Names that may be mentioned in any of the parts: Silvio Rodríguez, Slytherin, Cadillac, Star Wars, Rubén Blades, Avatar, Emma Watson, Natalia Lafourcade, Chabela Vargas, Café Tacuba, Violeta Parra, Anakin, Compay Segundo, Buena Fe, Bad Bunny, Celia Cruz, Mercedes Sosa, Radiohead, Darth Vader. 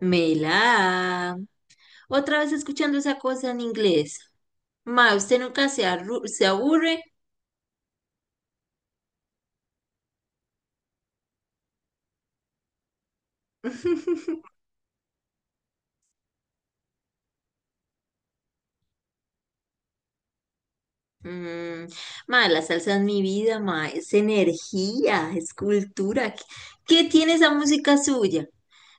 Mela, otra vez escuchando esa cosa en inglés. Ma, usted nunca se aburre. Mm, ma, la salsa es mi vida, ma, es energía, es cultura. ¿Qué tiene esa música suya?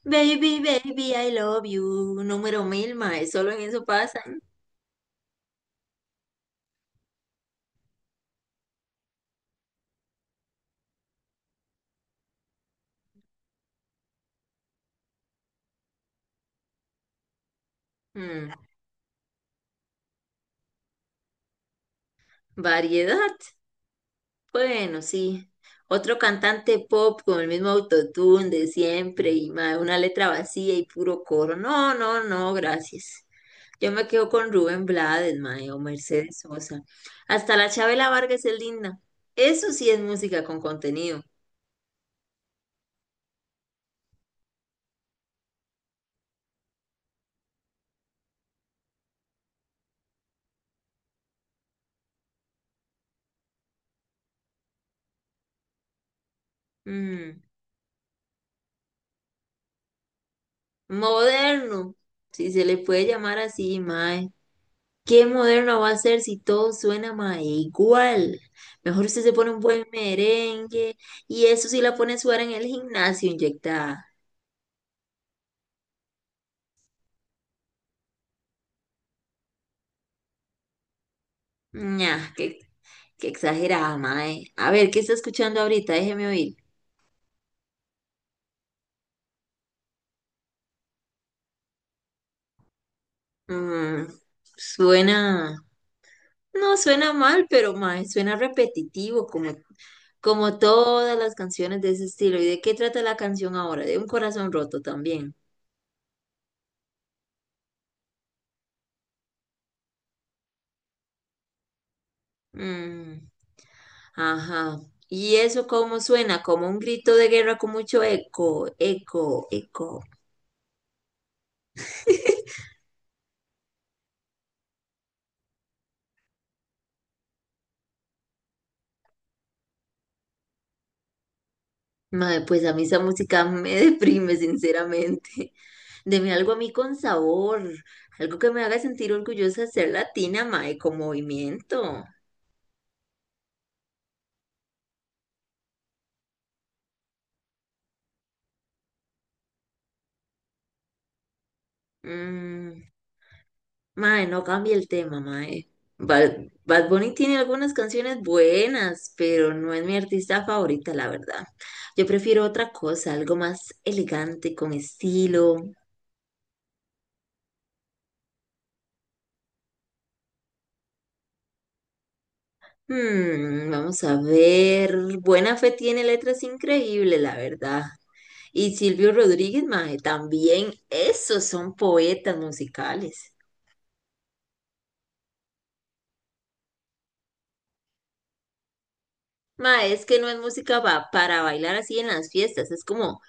Baby, baby, I love you. Número mil, ma, es solo en eso pasa. Mm, variedad. Bueno, sí. Otro cantante pop con el mismo autotune de siempre y ma, una letra vacía y puro coro. No, no, no, gracias. Yo me quedo con Rubén Blades, mae, o Mercedes Sosa. Hasta la Chabela Vargas es linda. Eso sí es música con contenido. Mm, Moderno, si se le puede llamar así, mae. ¿Qué moderno va a ser si todo suena, mae, igual? Mejor usted se pone un buen merengue y eso sí la pone a sudar en el gimnasio inyectada. Ñah, qué exagerada, mae. A ver, ¿qué está escuchando ahorita? Déjeme oír. Mm, suena. No suena mal, pero mae, suena repetitivo, como todas las canciones de ese estilo. ¿Y de qué trata la canción ahora? De un corazón roto también. Mm, ajá. ¿Y eso cómo suena? Como un grito de guerra con mucho eco, eco, eco. Mae, pues a mí esa música me deprime, sinceramente. Deme algo a mí con sabor, algo que me haga sentir orgullosa de ser latina, mae, con movimiento. Mm. Mae, no cambie el tema, mae. Bad Bunny tiene algunas canciones buenas, pero no es mi artista favorita, la verdad. Yo prefiero otra cosa, algo más elegante, con estilo. Vamos a ver. Buena Fe tiene letras increíbles, la verdad. Y Silvio Rodríguez, mae, también. Esos son poetas musicales. Mae, es que no es música para bailar así en las fiestas, es como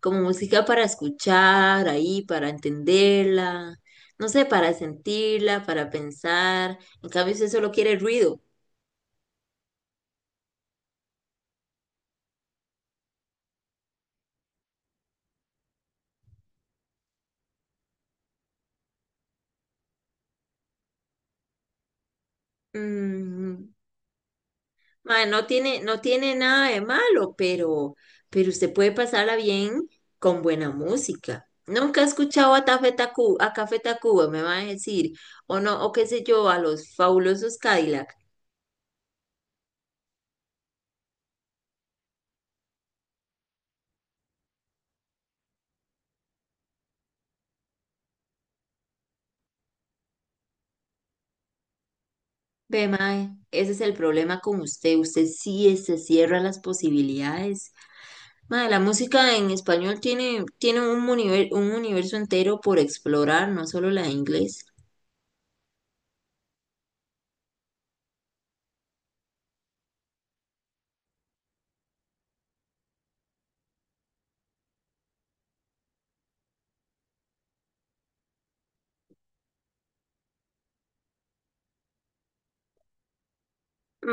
como música para escuchar ahí, para entenderla, no sé, para sentirla, para pensar. En cambio, si usted solo quiere ruido. Mm, mae, no tiene nada de malo, pero usted puede pasarla bien con buena música. Nunca he escuchado a Café Tacuba, me va a decir, o no, o qué sé yo, a los fabulosos Cadillac. Ve, mae, ese es el problema con usted. Usted sí se cierra las posibilidades. Mae, la música en español tiene un universo entero por explorar, no solo la de inglés.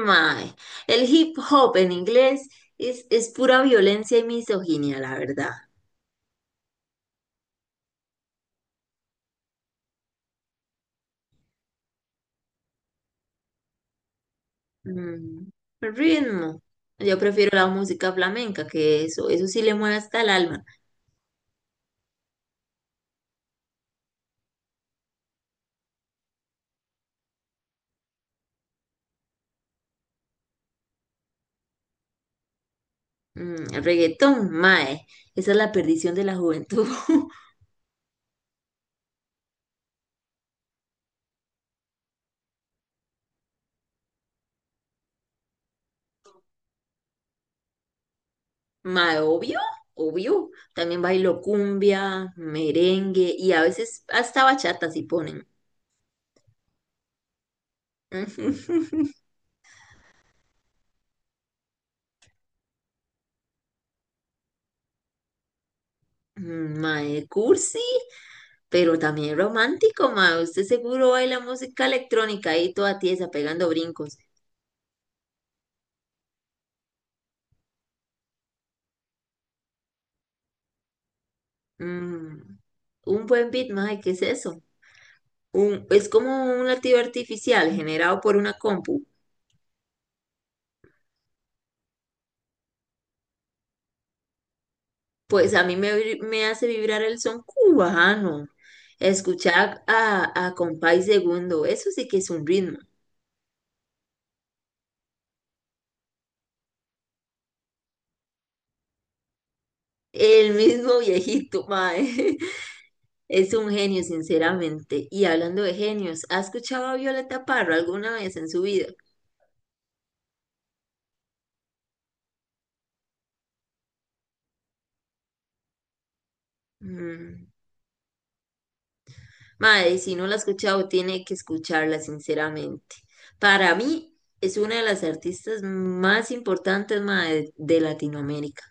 Mae, el hip hop en inglés es pura violencia y misoginia, la verdad. Mm, el ritmo. Yo prefiero la música flamenca, que eso sí le mueve hasta el alma. El reggaetón, mae, esa es la perdición de la juventud. Mae, obvio, obvio. También bailo cumbia, merengue y a veces hasta bachata si ponen. Mae, cursi, pero también romántico, mae. Usted seguro baila música electrónica ahí toda tiesa, pegando brincos. Mm, un buen beat, mae, ¿qué es eso? Un, es como un latido artificial generado por una compu. Pues a mí me hace vibrar el son cubano. Escuchar a Compay Segundo, eso sí que es un ritmo. El mismo viejito, mae. Es un genio, sinceramente. Y hablando de genios, ¿ha escuchado a Violeta Parra alguna vez en su vida? Mm, Madre, si no la ha escuchado, tiene que escucharla, sinceramente. Para mí, es una de las artistas más importantes, madre, de Latinoamérica.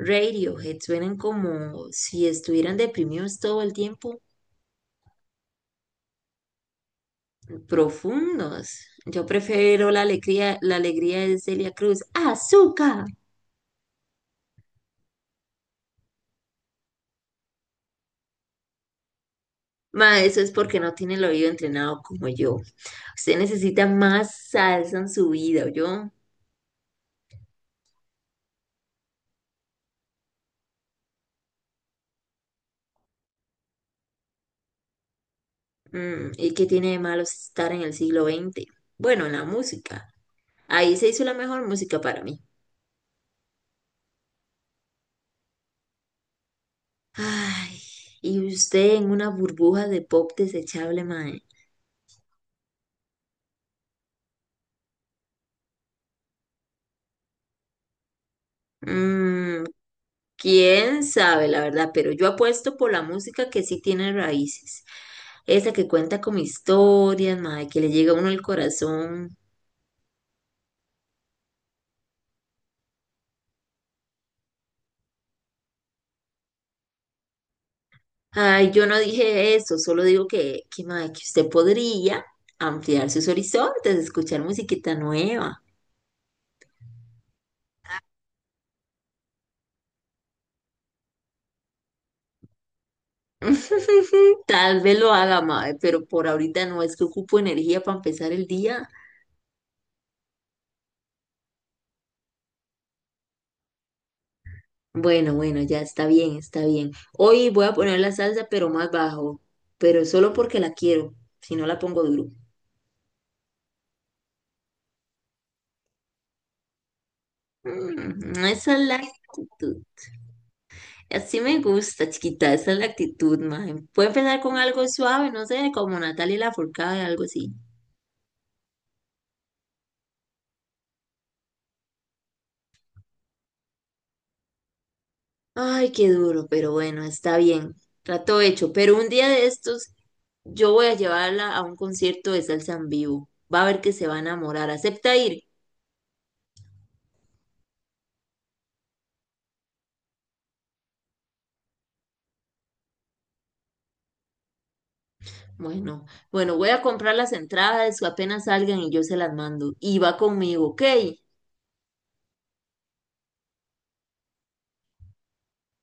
Radiohead suenan como si estuvieran deprimidos todo el tiempo, profundos. Yo prefiero la alegría de Celia Cruz. ¡Azúcar! Ma, eso es porque no tiene el oído entrenado como yo. Usted necesita más salsa en su vida, yo. ¿Y qué tiene de malo estar en el siglo XX? Bueno, en la música. Ahí se hizo la mejor música para mí. Ay, y usted en una burbuja de pop desechable, mae. Mm, quién sabe, la verdad, pero yo apuesto por la música que sí tiene raíces. Esa que cuenta con historias, mae, que le llega a uno el corazón. Ay, yo no dije eso, solo digo que, mae, que usted podría ampliar sus horizontes, escuchar musiquita nueva. Tal vez lo haga, mae, pero por ahorita no es que ocupo energía para empezar el día. Bueno, bueno, ya está bien, está bien. Hoy voy a poner la salsa, pero más bajo, pero solo porque la quiero, si no la pongo duro. Esa es la actitud. Así me gusta, chiquita, esa es la actitud, mae. Puede empezar con algo suave, no sé, como Natalia Lafourcade, algo así. Ay, qué duro, pero bueno, está bien. Trato hecho. Pero un día de estos, yo voy a llevarla a un concierto de salsa en vivo. Va a ver que se va a enamorar. ¿Acepta ir? Bueno, bueno, voy a comprar las entradas, apenas salgan y yo se las mando. Y va conmigo, ¿ok?